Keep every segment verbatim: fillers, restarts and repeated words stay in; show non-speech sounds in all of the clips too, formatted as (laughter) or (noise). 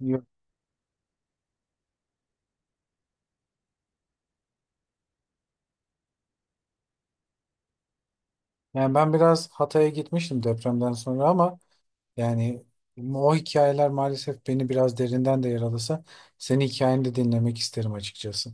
Yok. Yani ben biraz Hatay'a gitmiştim depremden sonra ama yani o hikayeler maalesef beni biraz derinden de yaralasa senin hikayeni de dinlemek isterim açıkçası.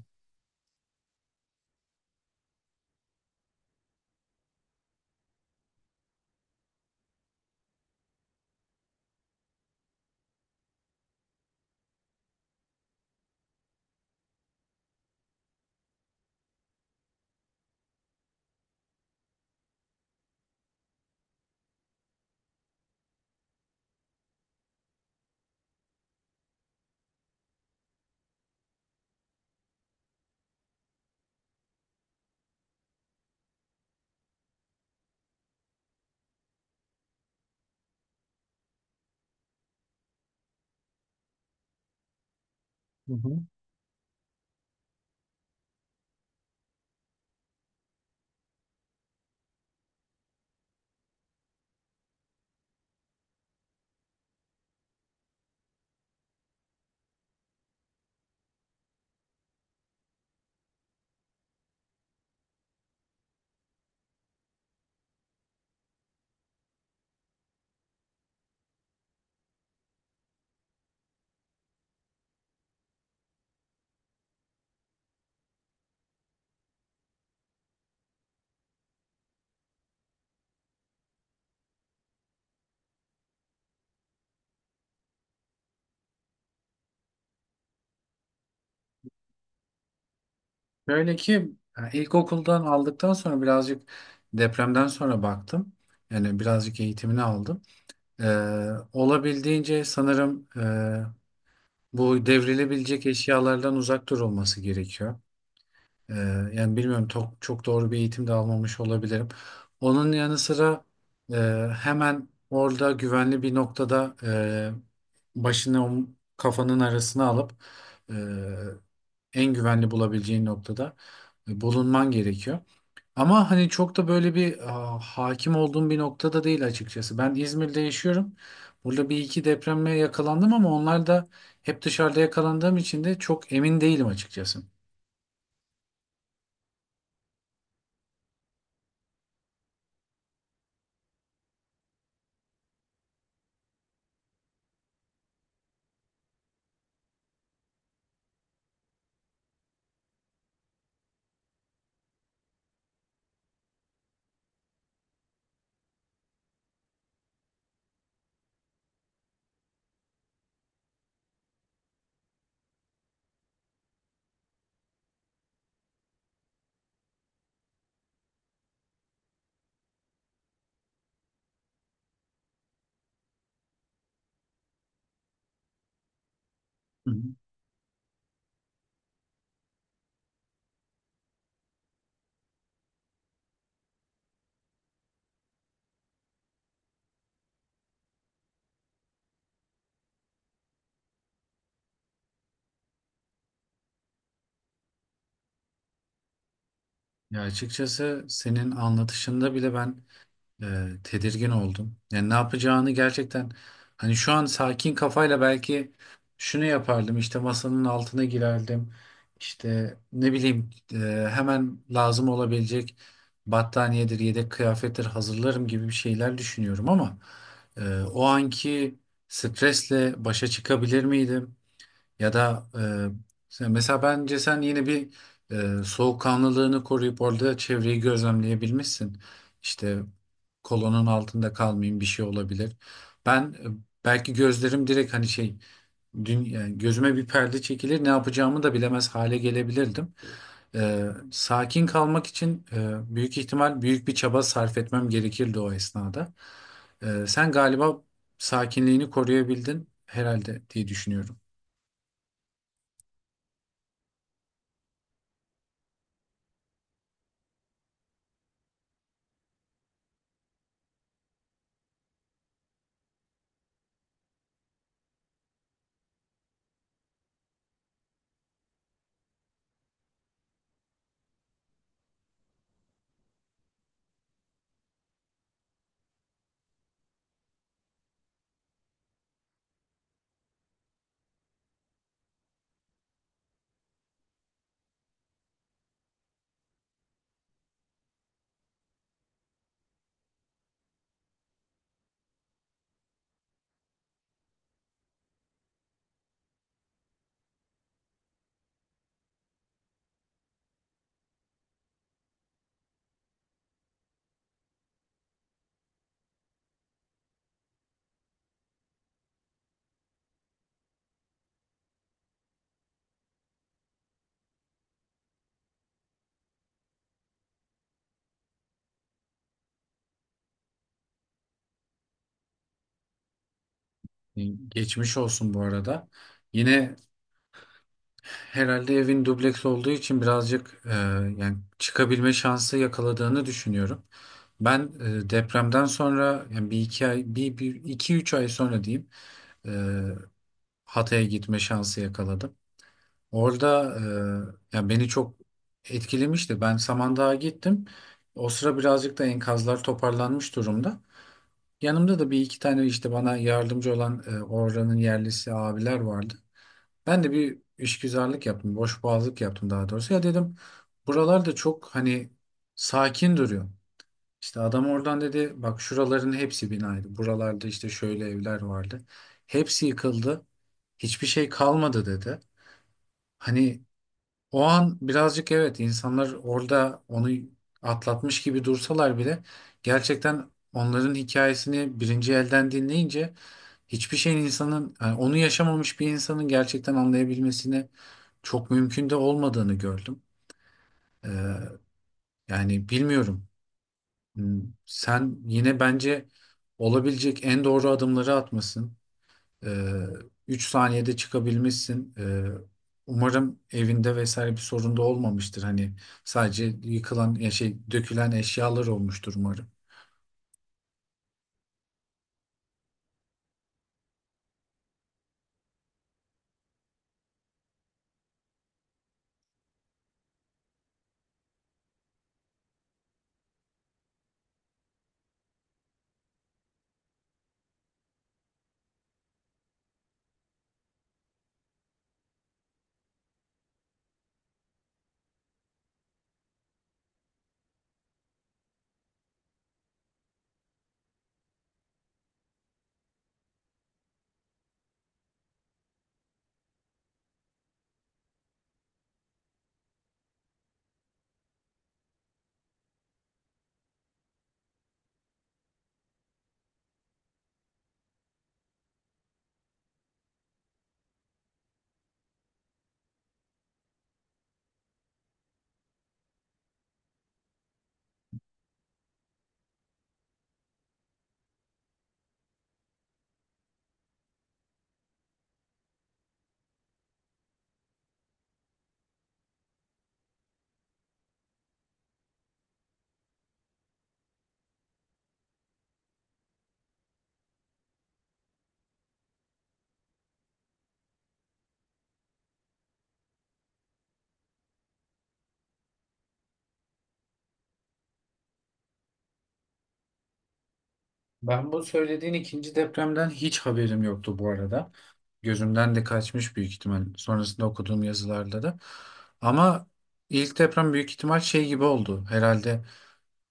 Hı hı. Böyle ki yani ilkokuldan aldıktan sonra birazcık depremden sonra baktım. Yani birazcık eğitimini aldım. Ee, olabildiğince sanırım e, bu devrilebilecek eşyalardan uzak durulması gerekiyor. Ee, Yani bilmiyorum, çok, çok doğru bir eğitim de almamış olabilirim. Onun yanı sıra e, hemen orada güvenli bir noktada, e, başını om- kafanın arasına alıp e, en güvenli bulabileceğin noktada e, bulunman gerekiyor. Ama hani çok da böyle bir a, hakim olduğum bir noktada değil açıkçası. Ben İzmir'de yaşıyorum. Burada bir iki depreme yakalandım ama onlar da hep dışarıda yakalandığım için de çok emin değilim açıkçası. Ya açıkçası senin anlatışında bile ben e, tedirgin oldum. Yani ne yapacağını gerçekten, hani şu an sakin kafayla, belki şunu yapardım: işte masanın altına girerdim. İşte ne bileyim, e, hemen lazım olabilecek battaniyedir, yedek kıyafettir hazırlarım gibi bir şeyler düşünüyorum ama e, o anki stresle başa çıkabilir miydim? Ya da, e, sen- mesela bence sen yine bir e, soğukkanlılığını koruyup orada çevreyi gözlemleyebilmişsin. İşte kolonun altında kalmayayım, bir şey olabilir. Ben, e, belki gözlerim direkt, hani şey dün, yani gözüme bir perde çekilir, ne yapacağımı da bilemez hale gelebilirdim. E, Sakin kalmak için e, büyük ihtimal büyük bir çaba sarf etmem gerekirdi o esnada. E, sen galiba sakinliğini koruyabildin herhalde diye düşünüyorum. Geçmiş olsun bu arada. Yine herhalde evin dubleks olduğu için birazcık, e, yani çıkabilme şansı yakaladığını düşünüyorum. Ben, e, depremden sonra, yani bir iki ay, bir, bir iki üç ay sonra diyeyim, e, Hatay'a gitme şansı yakaladım. Orada, e, yani beni çok etkilemişti. Ben Samandağ'a gittim. O sıra birazcık da enkazlar toparlanmış durumda. Yanımda da bir iki tane işte bana yardımcı olan e, oranın yerlisi abiler vardı. Ben de bir işgüzarlık yaptım, boşboğazlık yaptım daha doğrusu. Ya dedim, buralarda çok hani sakin duruyor. İşte adam oradan dedi, bak şuraların hepsi binaydı. Buralarda işte şöyle evler vardı. Hepsi yıkıldı. Hiçbir şey kalmadı dedi. Hani o an birazcık, evet, insanlar orada onu atlatmış gibi dursalar bile, gerçekten onların hikayesini birinci elden dinleyince hiçbir şeyin, insanın, yani onu yaşamamış bir insanın gerçekten anlayabilmesine çok mümkün de olmadığını gördüm. Ee, Yani bilmiyorum. Hmm, Sen yine bence olabilecek en doğru adımları atmasın. Ee, Üç saniyede çıkabilmişsin. Ee, umarım evinde vesaire bir sorun da olmamıştır. Hani sadece yıkılan ya şey dökülen eşyalar olmuştur umarım. Ben bu söylediğin ikinci depremden hiç haberim yoktu bu arada. Gözümden de kaçmış büyük ihtimal, sonrasında okuduğum yazılarda da. Ama ilk deprem büyük ihtimal şey gibi oldu. Herhalde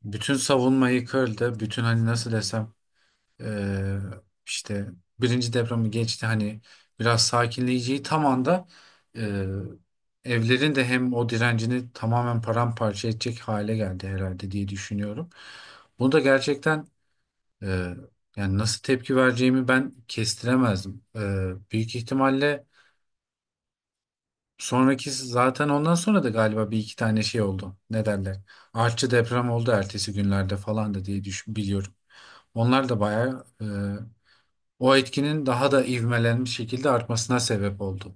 bütün savunma yıkıldı. Bütün, hani nasıl desem, eee, işte birinci depremi geçti, hani biraz sakinleyeceği tam anda eee, evlerin de hem o direncini tamamen paramparça edecek hale geldi herhalde diye düşünüyorum. Bunu da gerçekten ee, yani nasıl tepki vereceğimi ben kestiremezdim. Ee, büyük ihtimalle sonraki, zaten ondan sonra da galiba bir iki tane şey oldu. Ne derler? Artçı deprem oldu ertesi günlerde falan da diye düşün, biliyorum. Onlar da bayağı, e, o etkinin daha da ivmelenmiş şekilde artmasına sebep oldu.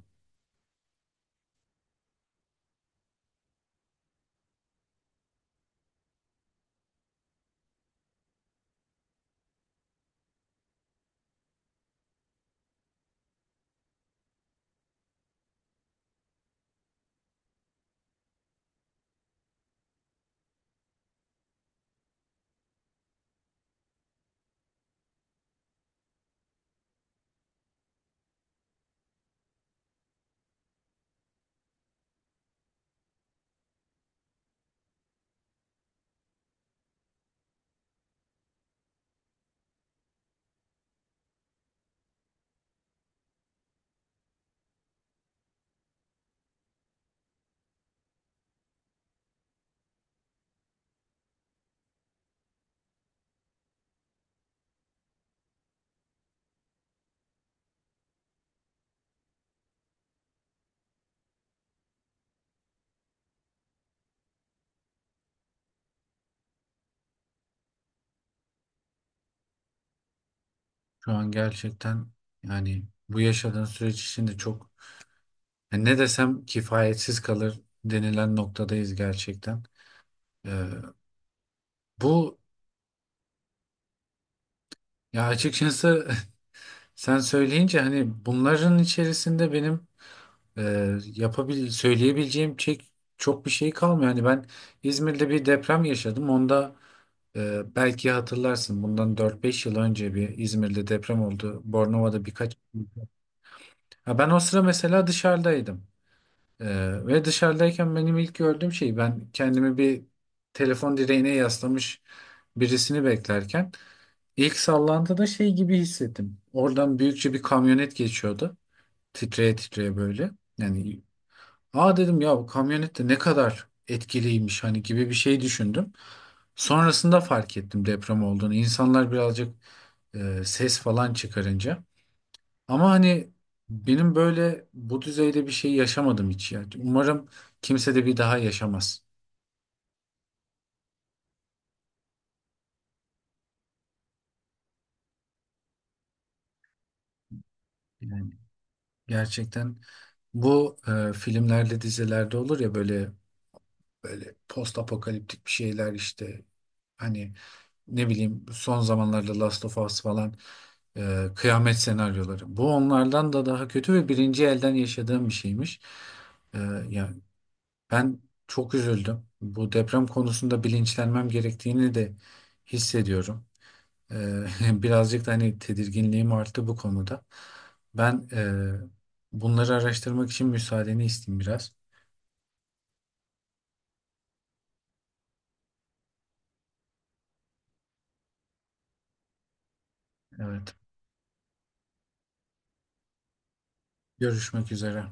Şu an gerçekten, yani bu yaşadığın süreç içinde çok, yani ne desem kifayetsiz kalır denilen noktadayız gerçekten. Ee, bu Ya açıkçası, sen söyleyince hani bunların içerisinde benim, e, yapabil söyleyebileceğim çek çok bir şey kalmıyor. Hani ben İzmir'de bir deprem yaşadım. Onda, e, belki hatırlarsın, bundan dört beş yıl önce bir İzmir'de deprem oldu. Bornova'da birkaç. (laughs) Ha, ben o sıra mesela dışarıdaydım. E, ve dışarıdayken benim ilk gördüğüm şey, ben kendimi bir telefon direğine yaslamış birisini beklerken ilk sallantıda şey gibi hissettim. Oradan büyükçe bir kamyonet geçiyordu, titreye titreye böyle. Yani aa dedim ya, bu kamyonet de ne kadar etkiliymiş hani, gibi bir şey düşündüm. Sonrasında fark ettim deprem olduğunu. İnsanlar birazcık e, ses falan çıkarınca. Ama hani benim böyle bu düzeyde bir şey yaşamadım hiç ya. Umarım kimse de bir daha yaşamaz. Yani gerçekten bu, e, filmlerde dizilerde olur ya böyle, böyle post apokaliptik bir şeyler, işte hani ne bileyim, son zamanlarda Last of Us falan, e, kıyamet senaryoları. Bu onlardan da daha kötü ve birinci elden yaşadığım bir şeymiş. E, Yani ben çok üzüldüm. Bu deprem konusunda bilinçlenmem gerektiğini de hissediyorum. E, (laughs) Birazcık da hani tedirginliğim arttı bu konuda. Ben, e, bunları araştırmak için müsaadeni isteyeyim biraz. Evet. Görüşmek üzere.